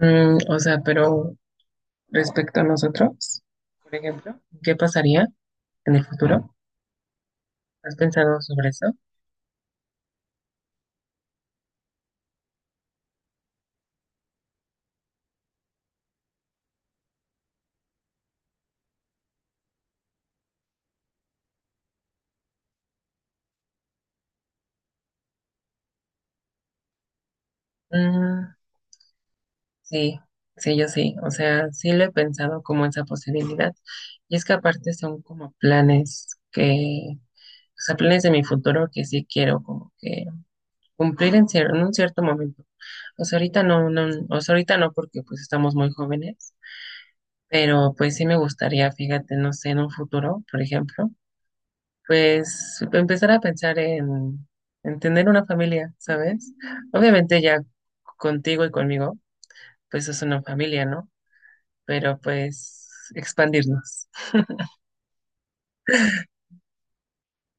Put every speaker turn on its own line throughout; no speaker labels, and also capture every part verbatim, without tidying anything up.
Mm, o sea, pero respecto a nosotros, por ejemplo, ¿qué pasaría en el futuro? ¿Has pensado sobre eso? Mm, sí, sí, yo sí. O sea, sí lo he pensado como esa posibilidad. Y es que aparte son como planes que, o sea, planes de mi futuro que sí quiero como que cumplir en, cier- en un cierto momento. O sea, ahorita no, no, o sea, ahorita no porque pues estamos muy jóvenes, pero pues sí me gustaría, fíjate, no sé, en un futuro, por ejemplo. Pues empezar a pensar en, en tener una familia, ¿sabes? Obviamente ya contigo y conmigo, pues es una familia, ¿no? Pero pues expandirnos,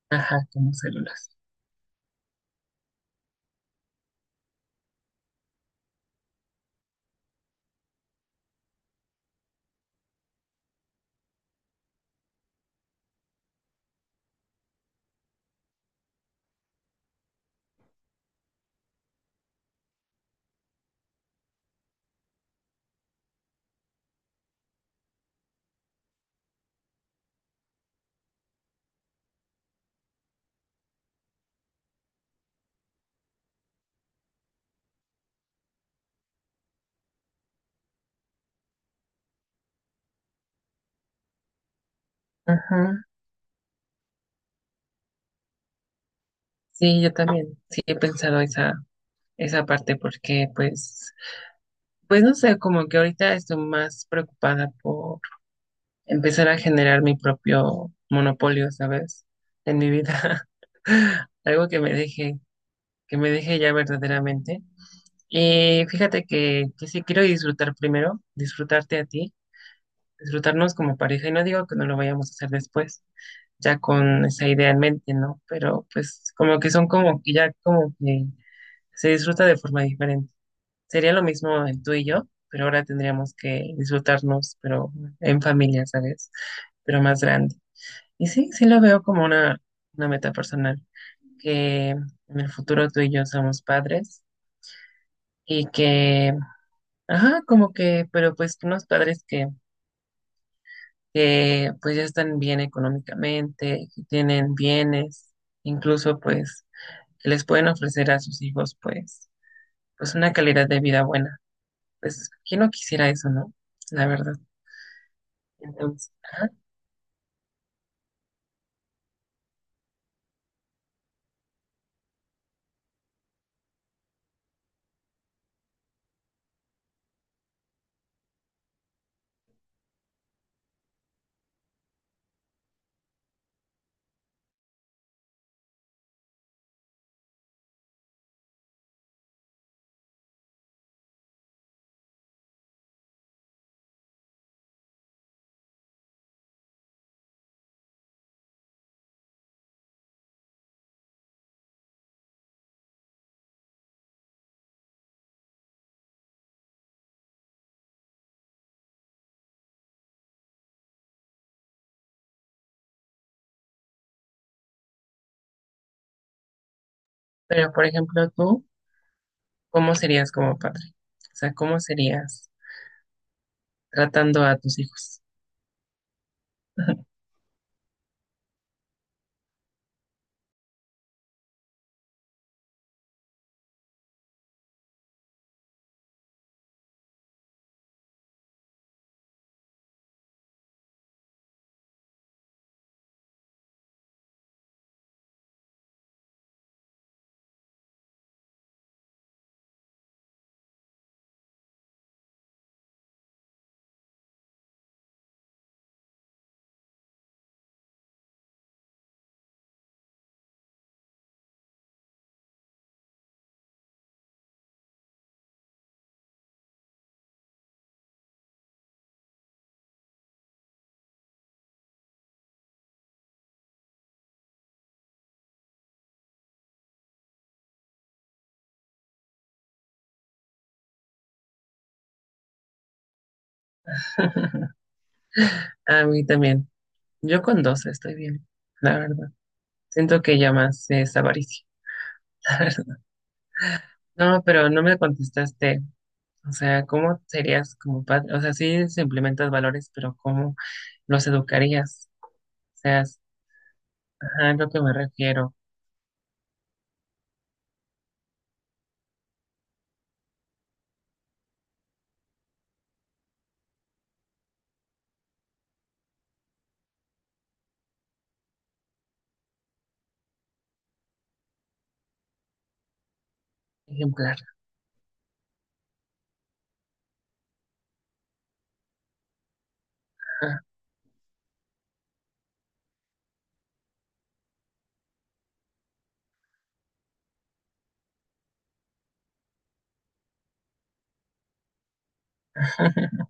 ajá, como células. Ajá. Sí, yo también, sí he pensado esa, esa parte porque pues, pues no sé, como que ahorita estoy más preocupada por empezar a generar mi propio monopolio, ¿sabes? En mi vida. Algo que me deje, que me deje ya verdaderamente. Y fíjate que, que sí quiero disfrutar primero, disfrutarte a ti, disfrutarnos como pareja, y no digo que no lo vayamos a hacer después, ya con esa idea en mente, ¿no? Pero pues como que son como que ya como que se disfruta de forma diferente. Sería lo mismo en tú y yo, pero ahora tendríamos que disfrutarnos, pero en familia, ¿sabes? Pero más grande. Y sí, sí lo veo como una, una meta personal, que en el futuro tú y yo somos padres y que Ajá, como que, pero pues unos padres que, que pues ya están bien económicamente, que tienen bienes, incluso pues que les pueden ofrecer a sus hijos pues, pues una calidad de vida buena. Pues, ¿quién no quisiera eso, no? La verdad. Entonces, ajá. Pero por ejemplo, tú, ¿cómo serías como padre? O sea, ¿cómo serías tratando a tus hijos? A mí también. Yo con dos estoy bien, la verdad. Siento que ya más es avaricia. No, pero no me contestaste. O sea, ¿cómo serías como padre? O sea, sí se implementas valores, pero ¿cómo los educarías? O sea, es- ajá, es lo que me refiero. Ejemplar. Ajá.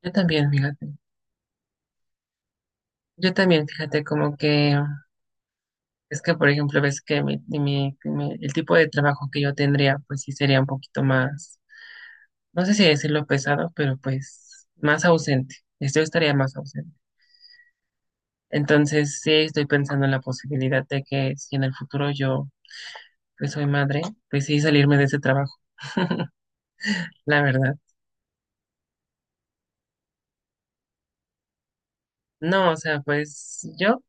Yo también, fíjate. Yo también, fíjate, como que es que, por ejemplo, ves que mi, mi- mi- el tipo de trabajo que yo tendría, pues sí sería un poquito más, no sé si decirlo pesado, pero pues más ausente. Yo estaría más ausente. Entonces, sí estoy pensando en la posibilidad de que si en el futuro yo pues soy madre, pues sí salirme de ese trabajo, la verdad. No, o sea, pues yo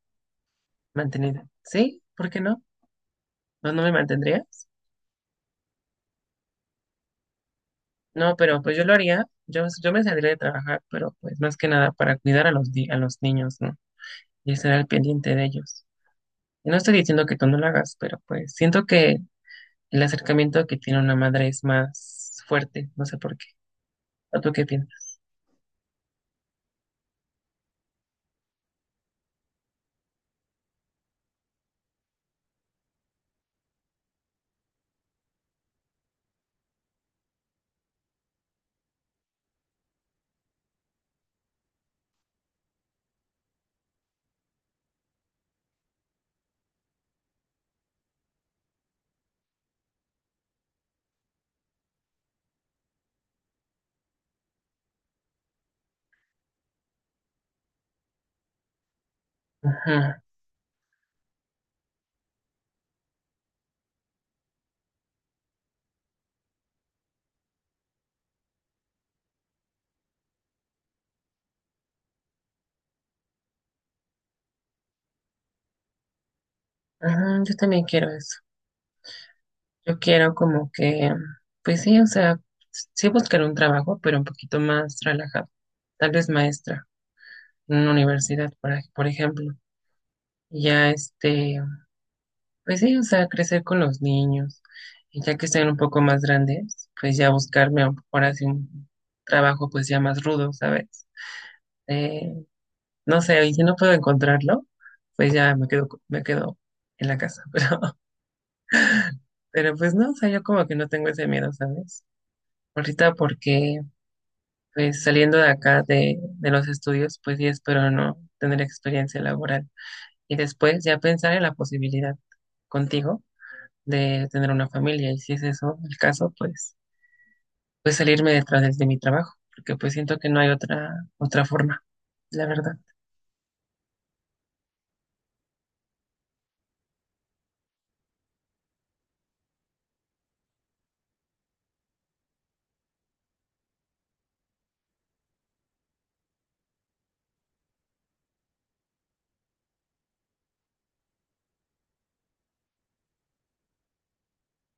mantenida. ¿Sí? ¿Por qué no? ¿No, no me mantendrías? No, pero pues yo lo haría. Yo, yo me saldría de trabajar, pero pues más que nada para cuidar a los, di- a los niños, ¿no? Y estar al pendiente de ellos. Y no estoy diciendo que tú no lo hagas, pero pues siento que el acercamiento que tiene una madre es más fuerte, no sé por qué. ¿O tú qué piensas? Ajá, ajá, yo también quiero eso. Yo quiero como que, pues sí, o sea, sí buscar un trabajo, pero un poquito más relajado. Tal vez maestra en una universidad, por, ej- por ejemplo. Y ya este, pues sí, o sea, crecer con los niños. Y ya que estén un poco más grandes, pues ya buscarme a- ahora sí un trabajo pues ya más rudo, ¿sabes? Eh, no sé, y si no puedo encontrarlo, pues ya me quedo, co- me quedo en la casa. Pero, pero pues no, o sea, yo como que no tengo ese miedo, ¿sabes? Ahorita porque Pues saliendo de acá de, de los estudios, pues sí espero no tener experiencia laboral. Y después ya pensar en la posibilidad contigo de tener una familia. Y si es eso el caso, pues, pues, salirme detrás de, de mi trabajo, porque pues siento que no hay otra, otra forma, la verdad.